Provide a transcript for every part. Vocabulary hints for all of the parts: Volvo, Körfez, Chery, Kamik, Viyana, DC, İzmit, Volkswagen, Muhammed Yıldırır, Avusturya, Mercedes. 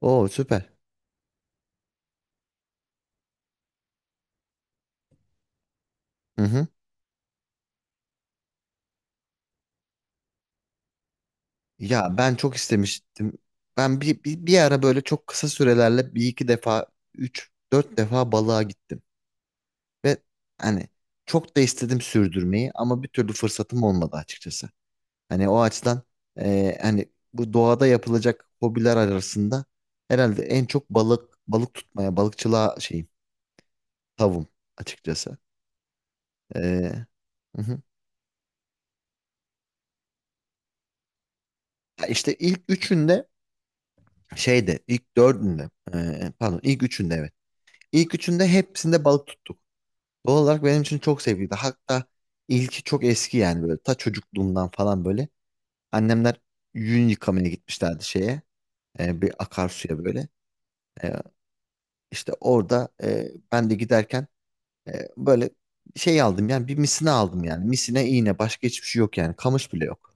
Oo süper. Hı hı. Ya ben çok istemiştim. Ben bir ara böyle çok kısa sürelerle bir iki defa, üç, dört defa balığa gittim. Ve hani çok da istedim sürdürmeyi ama bir türlü fırsatım olmadı açıkçası. Hani o açıdan, hani bu doğada yapılacak hobiler arasında herhalde en çok balık tutmaya, balıkçılığa şeyim, tavım açıkçası. E, hı hı. Ya işte ilk üçünde şeyde, ilk dördünde, pardon, ilk üçünde evet. İlk üçünde hepsinde balık tuttuk. Doğal olarak benim için çok sevgiydi. Hatta ilki çok eski, yani böyle ta çocukluğumdan falan böyle. Annemler yün yıkamaya gitmişlerdi şeye, bir akarsuya böyle. E, işte orada, ben de giderken, böyle şey aldım yani, bir misine aldım yani. Misine iğne, başka hiçbir şey yok yani, kamış bile yok.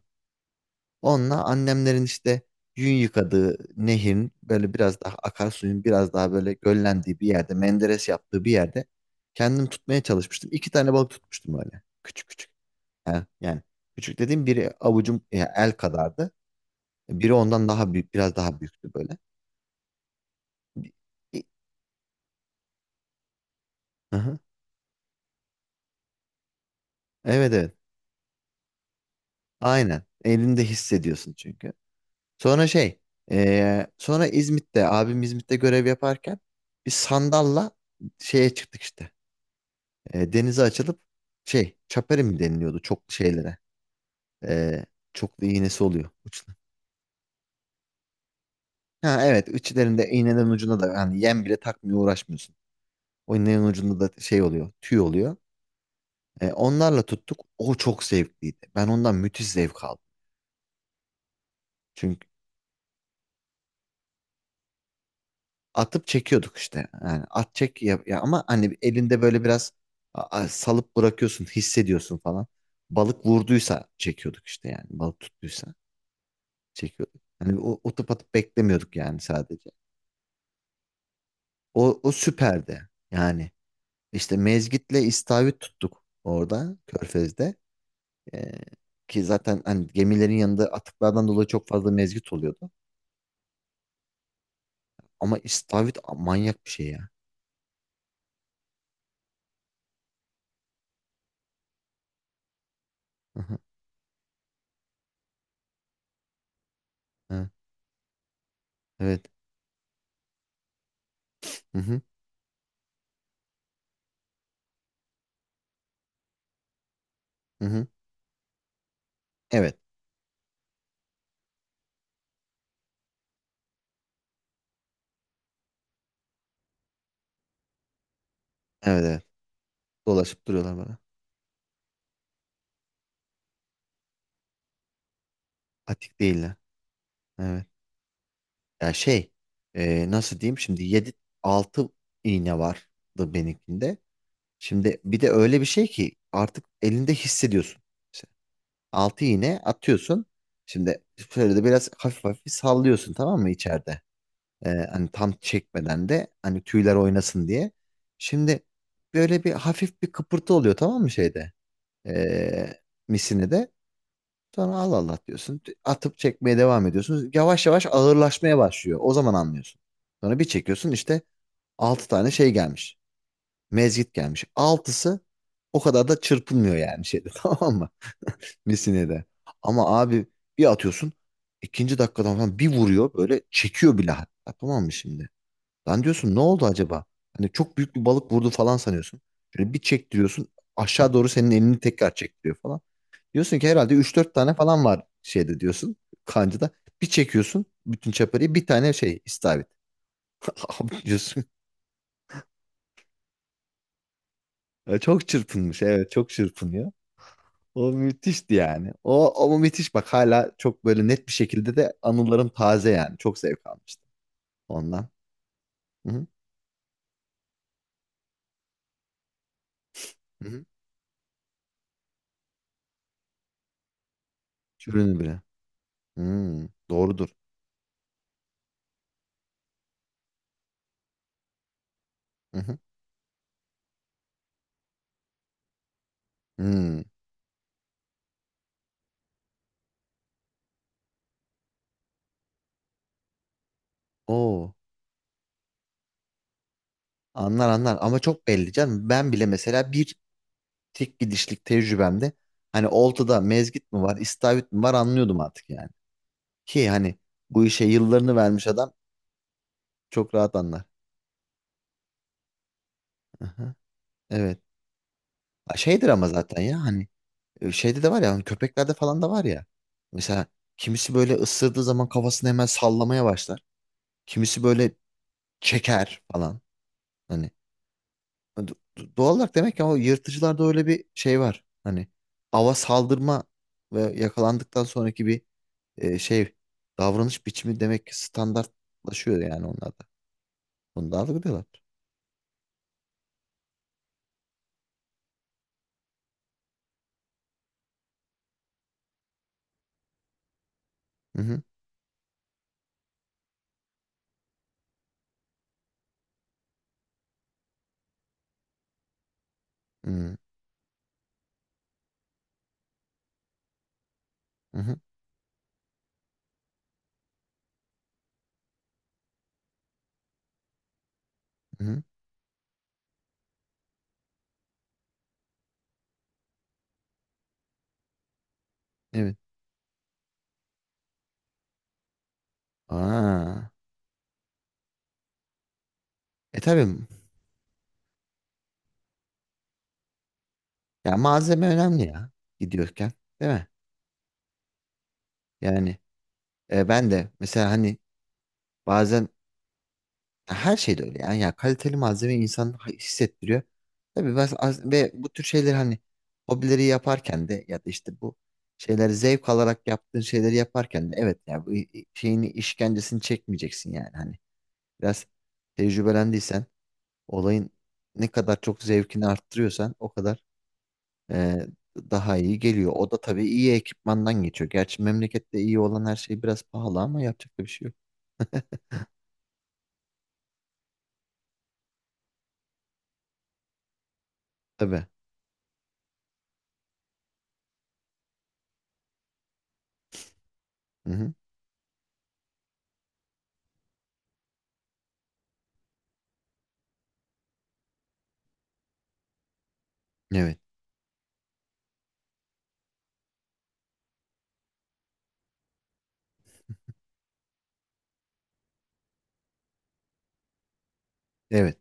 Onunla annemlerin işte yün yıkadığı nehirin böyle biraz daha, akarsuyun biraz daha böyle göllendiği bir yerde, menderes yaptığı bir yerde kendim tutmaya çalışmıştım. İki tane balık tutmuştum öyle. Küçük küçük. Yani, küçük dediğim biri avucum ya el kadardı. Biri ondan daha büyük, biraz daha büyüktü böyle. Bir- bir- hı. Evet, evet. Aynen. Elinde hissediyorsun çünkü. Sonra şey, sonra İzmit'te, abim İzmit'te görev yaparken bir sandalla şeye çıktık işte. E, denize açılıp şey, çaperi mi deniliyordu çok şeylere. E, çok da iğnesi oluyor uçta. Ha evet, içlerinde, iğnenin ucunda da hani yem bile takmıyor, uğraşmıyorsun. O iğnenin ucunda da şey oluyor, tüy oluyor. E, onlarla tuttuk, o çok zevkliydi. Ben ondan müthiş zevk aldım. Çünkü atıp çekiyorduk işte. Yani at çek ya, ama hani elinde böyle biraz salıp bırakıyorsun, hissediyorsun falan. Balık vurduysa çekiyorduk işte, yani balık tuttuysa çekiyorduk. Hani o atıp atıp beklemiyorduk yani sadece. O süperdi. Yani işte mezgitle istavrit tuttuk orada, Körfez'de. Ee, ki zaten hani gemilerin yanında atıklardan dolayı çok fazla mezgit oluyordu. Ama istavrit, manyak bir şey ya. Hı hı, hı, evet. Hı hı, hı hı. Evet. Evet, evet. Dolaşıp duruyorlar bana. Atik değiller. Evet. Ya şey, nasıl diyeyim şimdi, 7 6 iğne vardı benimkinde. Şimdi bir de öyle bir şey ki artık elinde hissediyorsun. Altı iğne atıyorsun. Şimdi şöyle de biraz hafif hafif sallıyorsun, tamam mı, içeride? Hani tam çekmeden de, hani tüyler oynasın diye. Şimdi böyle bir hafif bir kıpırtı oluyor, tamam mı, şeyde? Ee, misini de. Sonra Allah Allah diyorsun. Atıp çekmeye devam ediyorsun. Yavaş yavaş ağırlaşmaya başlıyor. O zaman anlıyorsun. Sonra bir çekiyorsun, işte altı tane şey gelmiş. Mezgit gelmiş. Altısı o kadar da çırpınmıyor yani şeyde tamam mı? Messine'de. Ama abi bir atıyorsun, ikinci dakikadan falan bir vuruyor, böyle çekiyor bile hatta, tamam mı şimdi? Lan diyorsun, ne oldu acaba? Hani çok büyük bir balık vurdu falan sanıyorsun. Şöyle bir çektiriyorsun, aşağı doğru senin elini tekrar çektiriyor falan. Diyorsun ki herhalde üç dört tane falan var şeyde, diyorsun, kancada. Bir çekiyorsun bütün çapariyi, bir tane şey, istavrit. Abi diyorsun. Ya, çok çırpınmış, evet, çok çırpınıyor. O müthişti yani. O müthiş, bak hala çok böyle net bir şekilde de anılarım taze yani. Çok zevk almıştım ondan. Hı hı. Hı hı. Şürünü bile. Hmm, doğrudur. Hı hı. Hmm. Oo, anlar anlar ama çok belli canım. Ben bile mesela bir tek gidişlik tecrübemde hani oltada mezgit mi var, istavrit mi var, anlıyordum artık yani. Ki hani bu işe yıllarını vermiş adam çok rahat anlar. Hı. Evet. Ha, şeydir ama zaten, ya hani, E, Şeyde de var ya, hani köpeklerde falan da var ya. Mesela kimisi böyle ısırdığı zaman kafasını hemen sallamaya başlar. Kimisi böyle çeker falan. Hani, doğal olarak demek ki o yırtıcılarda öyle bir şey var. Hani ava saldırma ve yakalandıktan sonraki bir, şey, davranış biçimi demek ki standartlaşıyor yani onlarda. Bunu da algılıyorlar. Hı hı. Hı hı. Hı hı. Evet. Aa. E tabii. Ya malzeme önemli ya, gidiyorken, değil mi? Yani, ben de mesela hani bazen, her şeyde öyle yani, ya kaliteli malzeme insan hissettiriyor. Tabii ben ve bu tür şeyleri hani, hobileri yaparken de, ya da işte bu şeyleri zevk alarak yaptığın şeyleri yaparken de, evet ya, bu şeyini, işkencesini çekmeyeceksin yani, hani biraz tecrübelendiysen, olayın ne kadar çok zevkini arttırıyorsan o kadar, e, daha iyi geliyor. O da tabii iyi ekipmandan geçiyor. Gerçi memlekette iyi olan her şey biraz pahalı, ama yapacak da bir şey yok. Tabii. Hı hı. Evet, evet.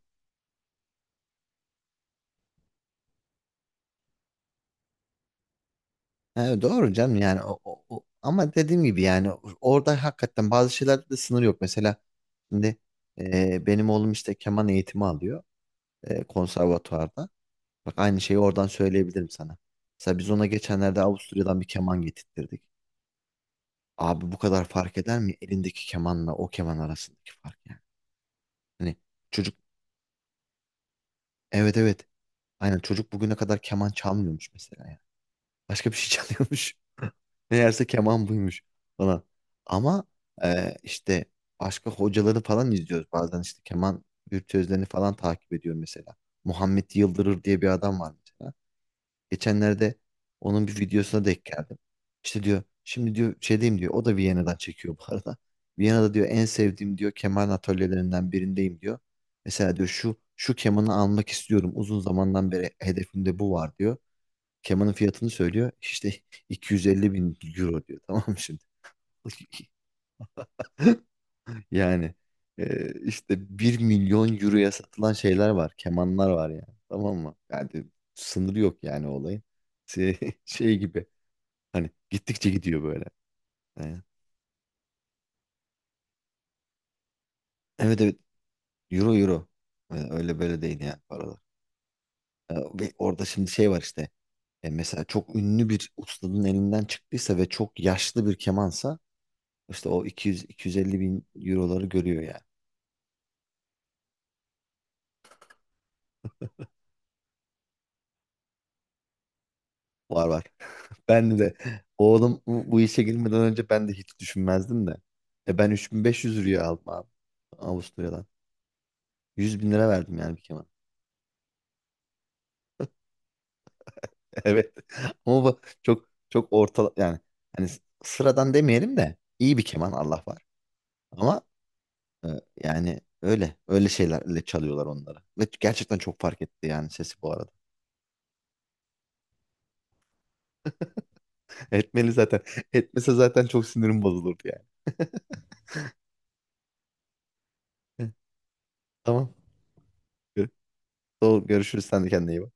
Ha, doğru canım, yani ama dediğim gibi yani, orada hakikaten bazı şeylerde de sınır yok. Mesela şimdi, benim oğlum işte keman eğitimi alıyor, konservatuvarda. Bak aynı şeyi oradan söyleyebilirim sana. Mesela biz ona geçenlerde Avusturya'dan bir keman getirttirdik. Abi bu kadar fark eder mi, elindeki kemanla o keman arasındaki fark yani. Hani çocuk, evet, evet, aynen, çocuk bugüne kadar keman çalmıyormuş mesela yani. Başka bir şey çalıyormuş. Meğerse keman buymuş falan. Ama, işte başka hocaları falan izliyoruz. Bazen işte keman virtüözlerini falan takip ediyorum mesela. Muhammed Yıldırır diye bir adam var mesela. Geçenlerde onun bir videosuna denk geldim. İşte diyor, şimdi diyor şey diyeyim diyor. O da Viyana'dan çekiyor bu arada. Viyana'da diyor en sevdiğim diyor keman atölyelerinden birindeyim diyor. Mesela diyor şu şu kemanı almak istiyorum. Uzun zamandan beri hedefimde bu var diyor. Kemanın fiyatını söylüyor. İşte 250 bin euro diyor. Tamam mı şimdi? Yani, işte bir milyon euroya satılan şeyler var. Kemanlar var yani. Tamam mı? Yani sınırı yok yani olayın. Şey, şey gibi. Hani gittikçe gidiyor böyle. E, Evet, evet. Euro, euro. E, Öyle böyle değil yani paralar. E, Ve orada şimdi şey var işte. E, mesela çok ünlü bir ustanın elinden çıktıysa ve çok yaşlı bir kemansa, işte o 200-250 bin euroları görüyor yani. Var var. Ben de oğlum, bu işe girmeden önce ben de hiç düşünmezdim de. Ben 3500 liraya aldım abi, Avusturya'dan. 100 bin lira verdim yani bir keman. Evet. Ama bu çok çok orta yani, hani sıradan demeyelim de, iyi bir keman Allah var. Ama, e, yani öyle öyle şeylerle çalıyorlar onları. Ve gerçekten çok fark etti yani sesi bu arada. Etmeli zaten. Etmese zaten çok sinirim bozulurdu yani. Tamam. Gör- Doğru, görüşürüz. Sen de kendine iyi bak.